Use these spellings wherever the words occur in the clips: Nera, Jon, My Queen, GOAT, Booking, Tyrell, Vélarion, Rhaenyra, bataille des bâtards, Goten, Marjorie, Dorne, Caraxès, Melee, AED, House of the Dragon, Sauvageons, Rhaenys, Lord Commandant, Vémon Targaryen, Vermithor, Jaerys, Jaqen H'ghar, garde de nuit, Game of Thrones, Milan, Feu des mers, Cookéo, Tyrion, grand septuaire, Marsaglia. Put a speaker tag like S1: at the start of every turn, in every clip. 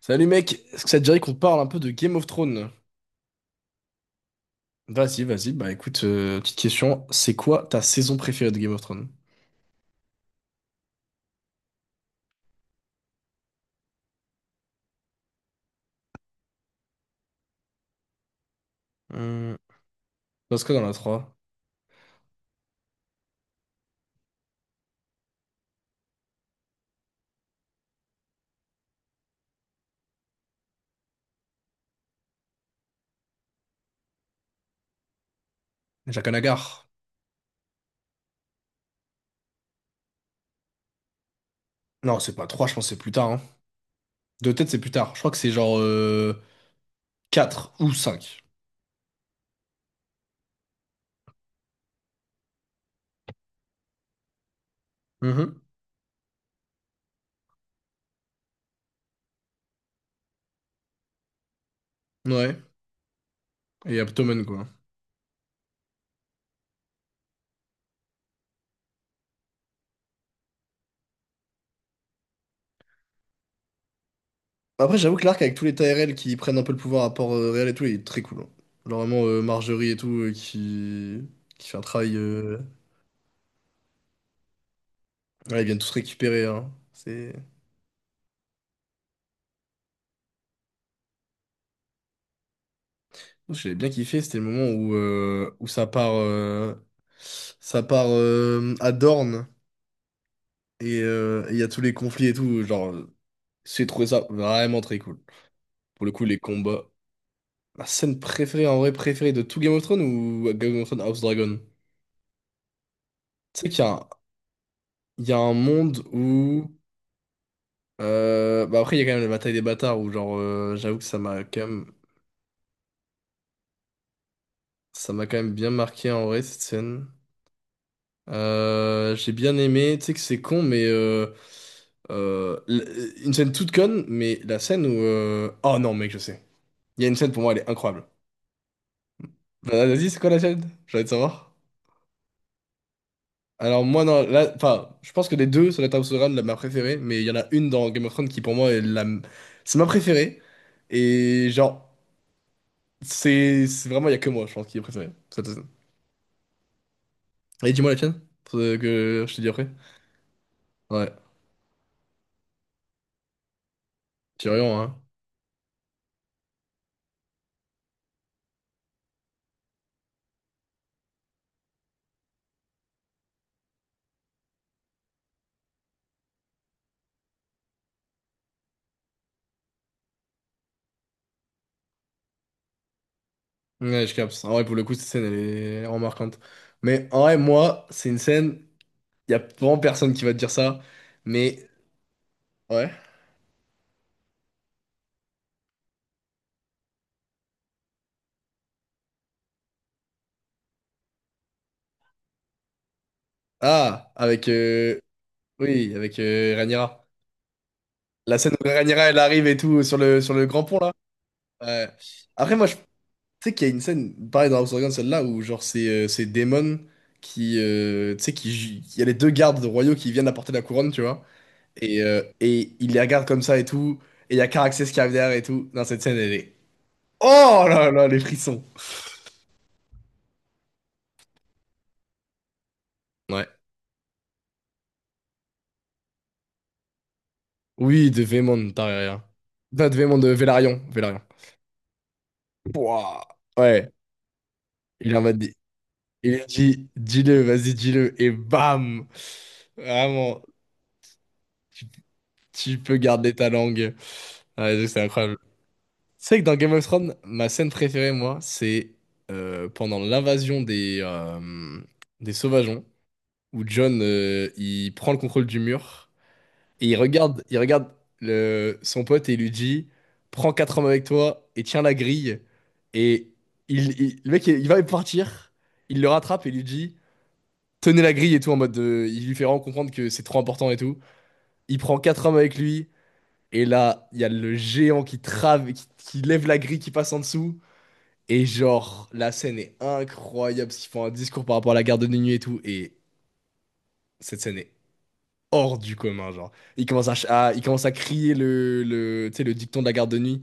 S1: Salut mec, est-ce que ça te dirait qu'on parle un peu de Game of Thrones? Vas-y, vas-y, bah écoute, petite question, c'est quoi ta saison préférée de Game of Thrones? Hum, parce que dans la 3, Jaqen H'ghar. Non, c'est pas 3, je pense que c'est plus tard, hein. De tête, c'est plus tard. Je crois que c'est genre quatre, 4 ou 5. Mhm. Ouais, et Abtomen quoi. Après, j'avoue que l'arc avec tous les Tyrell qui prennent un peu le pouvoir à Port-Réal et tout, il est très cool, hein. Genre vraiment Marjorie et tout, qui fait un travail, ouais, ils viennent tous récupérer, hein. C'est... J'ai bien kiffé, c'était le moment où, où ça part à Dorne et il y a tous les conflits et tout. Genre, j'ai trouvé ça vraiment très cool. Pour le coup, les combats. Ma scène préférée, en vrai, préférée de tout Game of Thrones ou Game of Thrones House Dragon? Tu sais qu'il y a un, il y a un monde où... bah après, il y a quand même la bataille des bâtards où, genre, j'avoue que ça m'a quand même, ça m'a quand même bien marqué en vrai cette scène. J'ai bien aimé, tu sais que c'est con, mais une scène toute conne, mais la scène où... oh non, mec, je sais. Il y a une scène pour moi, elle est incroyable. Bah, vas-y, c'est quoi la scène? J'ai envie de savoir. Alors moi, non, là, enfin, je pense que les deux, ça doit être House of the la ma préférée, mais il y en a une dans Game of Thrones qui pour moi est la... C'est ma préférée, et genre, c'est vraiment, il y a que moi, je pense, qui est préférée. Cette scène. Et dis-moi la tienne, pour que je te dis après. Ouais, tu rien, hein. Ouais, je capte. En vrai, pour le coup, cette scène, elle est remarquante. Mais en vrai, moi, c'est une scène, il y a vraiment personne qui va te dire ça. Mais, ouais. Ah, avec... oui, avec Rhaenyra. La scène où Rhaenyra, elle arrive et tout sur le grand pont, là. Ouais. Après, moi, je tu sais qu'il y a une scène, pareil dans House of Dragons, celle-là, où, genre, c'est Daemon qui... tu sais, qui... il y a les deux gardes royaux qui viennent apporter la couronne, tu vois. Et il les regarde comme ça et tout. Et il y a Caraxès qui arrive derrière et tout. Non, cette scène, elle est... Oh là là, les frissons. Ouais. Oui, de Vémon Targaryen. Pas de Vémon, de Vélarion. Vélarion. Pouah. Ouais, il en m'a dit. Il a dit, dis-le, vas-y, dis-le. Et bam! Vraiment, tu, tu peux garder ta langue. Ouais, c'est incroyable. Tu sais que dans Game of Thrones, ma scène préférée, moi, c'est pendant l'invasion des Sauvageons, où Jon, il prend le contrôle du mur. Et il regarde le, son pote et il lui dit, prends quatre hommes avec toi et tiens la grille. Et il, le mec, il va partir, il le rattrape et lui dit, tenez la grille et tout, en mode, il lui fait vraiment comprendre que c'est trop important et tout. Il prend quatre hommes avec lui, et là, il y a le géant qui trave, qui lève la grille, qui passe en dessous. Et genre, la scène est incroyable, parce qu'ils font un discours par rapport à la garde de nuit et tout, et cette scène est hors du commun, genre. Il commence à, il commence à crier le, tu sais, le dicton de la garde de nuit.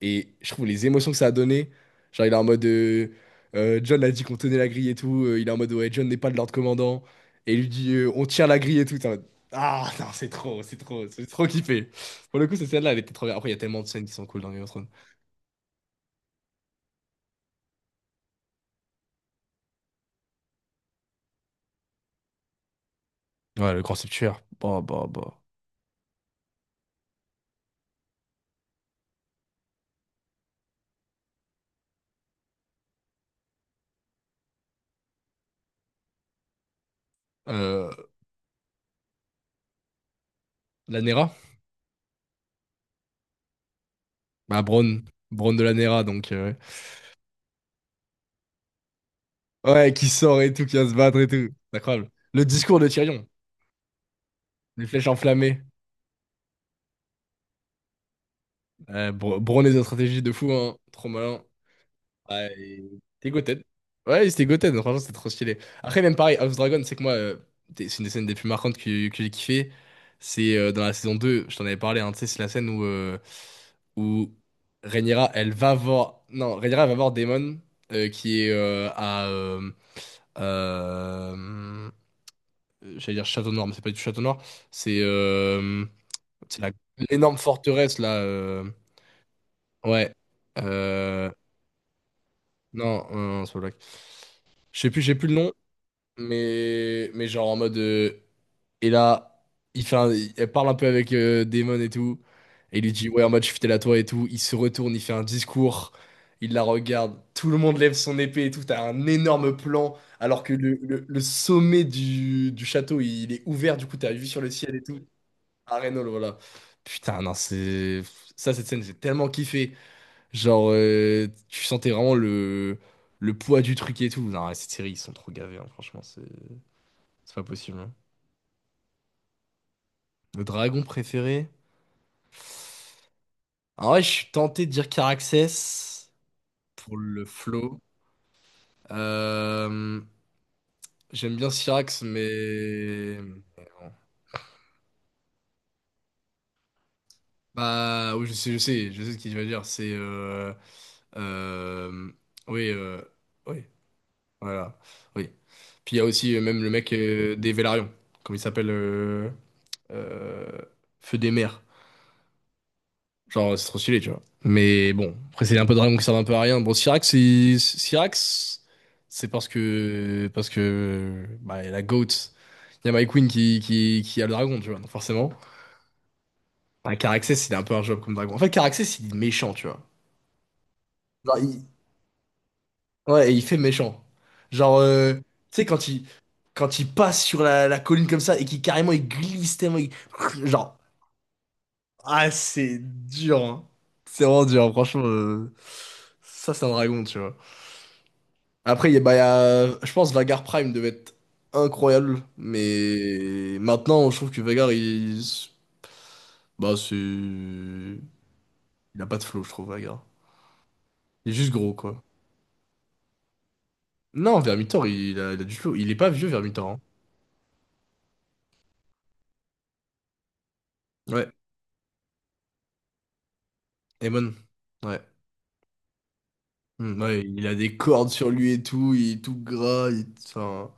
S1: Et je trouve les émotions que ça a donné. Genre, il est en mode... John a dit qu'on tenait la grille et tout. Il est en mode, ouais, John n'est pas le Lord Commandant. Et il lui dit, on tient la grille et tout. T'es en mode, ah, non, c'est trop, c'est trop, c'est trop kiffé. Pour le coup, cette scène-là, elle était trop bien. Après, il y a tellement de scènes qui sont cool dans Game of Thrones. Ouais, le grand septuaire. Bah, bah, bah. Euh, la Nera? Bah, Bronn. Bronn de la Nera, donc... ouais, ouais, qui sort et tout, qui va se battre et tout. C'est incroyable. Le discours de Tyrion. Des flèches enflammées. Brown est une stratégie de fou, hein. Trop malin. Ouais, et... C'était Goten. Ouais, c'était Goten. Franchement, c'était trop stylé. Après, même pareil, House Dragon, c'est que moi, t'es- c'est une des scènes des plus marquantes que j'ai kiffé. C'est dans la saison 2, je t'en avais parlé, hein, tu sais, c'est la scène où, où Rhaenyra, elle va voir. Non, Rhaenyra, elle va voir Daemon, qui est à... euh, j'allais dire Château Noir, mais c'est pas du tout Château Noir. C'est euh, c'est la- l'énorme forteresse, là. Ouais. Euh, non, non, non, c'est pas Black. Je sais plus, j'ai plus le nom, mais genre en mode... et là, il fait un- il- elle parle un peu avec Damon et tout. Et il lui dit, ouais, en mode, je suis fidèle à toi et tout. Il se retourne, il fait un discours. Il la regarde. Tout le monde lève son épée et tout. T'as un énorme plan. Alors que le sommet du château, il est ouvert. Du coup, t'as une vue sur le ciel et tout. À Reynold, voilà. Putain, non, c'est... Ça, cette scène, j'ai tellement kiffé. Genre, tu sentais vraiment le poids du truc et tout. Non, ouais, cette série, ils sont trop gavés, hein, franchement, c'est pas possible, hein. Le dragon préféré? En vrai, je suis tenté de dire Caraxès pour le flow. Euh, j'aime bien Syrax, mais... Bah, oui, je sais, je sais, je sais ce qu'il va dire. C'est... euh, oui, oui, voilà, oui. Puis il y a aussi même le mec des Vélarions, comme il s'appelle euh, Feu des mers. Genre, c'est trop stylé, tu vois. Mais bon, après, c'est un peu de dragon qui servent un peu à rien. Bon, Syrax, c'est parce que, bah, il y a la GOAT, il y a My Queen qui a le dragon, tu vois, donc forcément. Bah, Caraxès, il est un peu un job comme dragon. En fait, Caraxès, il est méchant, tu vois. Genre, il- Ouais, et il fait méchant. Genre, tu sais, quand il passe sur la, la colline comme ça et qu'il carrément, il glisse tellement, il- genre, ah, c'est dur, hein. C'est vraiment dur, hein, franchement. Ça, c'est un dragon, tu vois. Après, il y a, bah, je pense Vagar Prime devait être incroyable, mais maintenant, je trouve que Vagar, il... Bah, c'est... Il a pas de flow, je trouve, Vagar. Il est juste gros, quoi. Non, Vermithor, il a du flow. Il est pas vieux, Vermithor, hein. Ouais, Emon. Ouais. Hmm, ouais, il a des cordes sur lui et tout, il est tout gras. Il- enfin...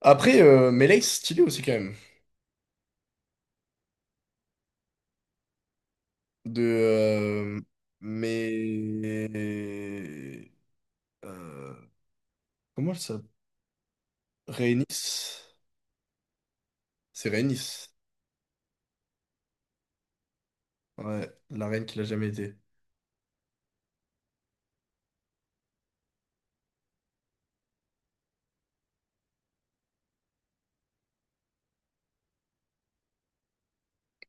S1: Après, Melee, c'est stylé aussi, quand même. De... mais... euh, comment ça s'appelle? Rhaenys? C'est Rhaenys. Ouais, la reine qu'il a jamais été.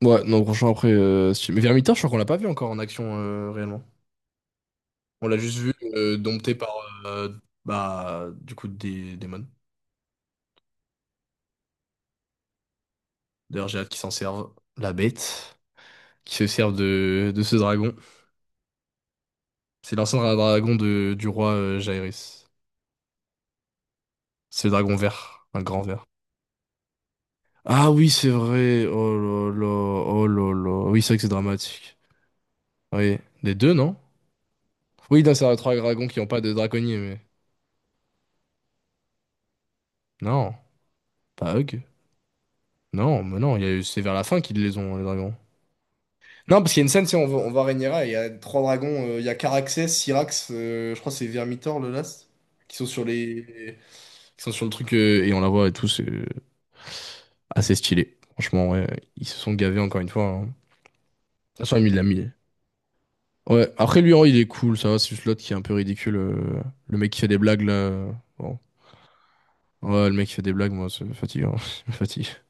S1: Ouais, non, franchement, après, si- mais Vermintide, je crois qu'on l'a pas vu encore en action réellement. On l'a juste vu dompté par, euh, bah, du coup, des démons. D'ailleurs, j'ai hâte qu'ils s'en servent. La bête, qui se sert de ce dragon. C'est l'ancien dra- dragon de, du roi Jaerys. C'est le dragon vert, un grand vert. Ah oui, c'est vrai. Oh là là, oh là là. Oui, c'est vrai que c'est dramatique. Oui, les deux, non? Oui, non, c'est trois dragons qui n'ont pas de draconnier, mais... Non. Pas Hug? Non, mais non, il y a eu- c'est vers la fin qu'ils les ont, les dragons. Non, parce qu'il y a une scène, c'est on va Rhaenyra, et il y a trois dragons, il y a Caraxès, Syrax, je crois que c'est Vermithor le last, qui sont sur les, qui sont sur le truc, et on la voit et tout, c'est assez stylé. Franchement, ouais, ils se sont gavés encore une fois, hein. De toute façon, il l'a mis. Ouais, après lui, oh, il est cool, ça va, c'est juste l'autre qui est un peu ridicule. Le mec qui fait des blagues là. Bon. Ouais, le mec qui fait des blagues, moi, ça me fatigue, hein. Ça me fatigue.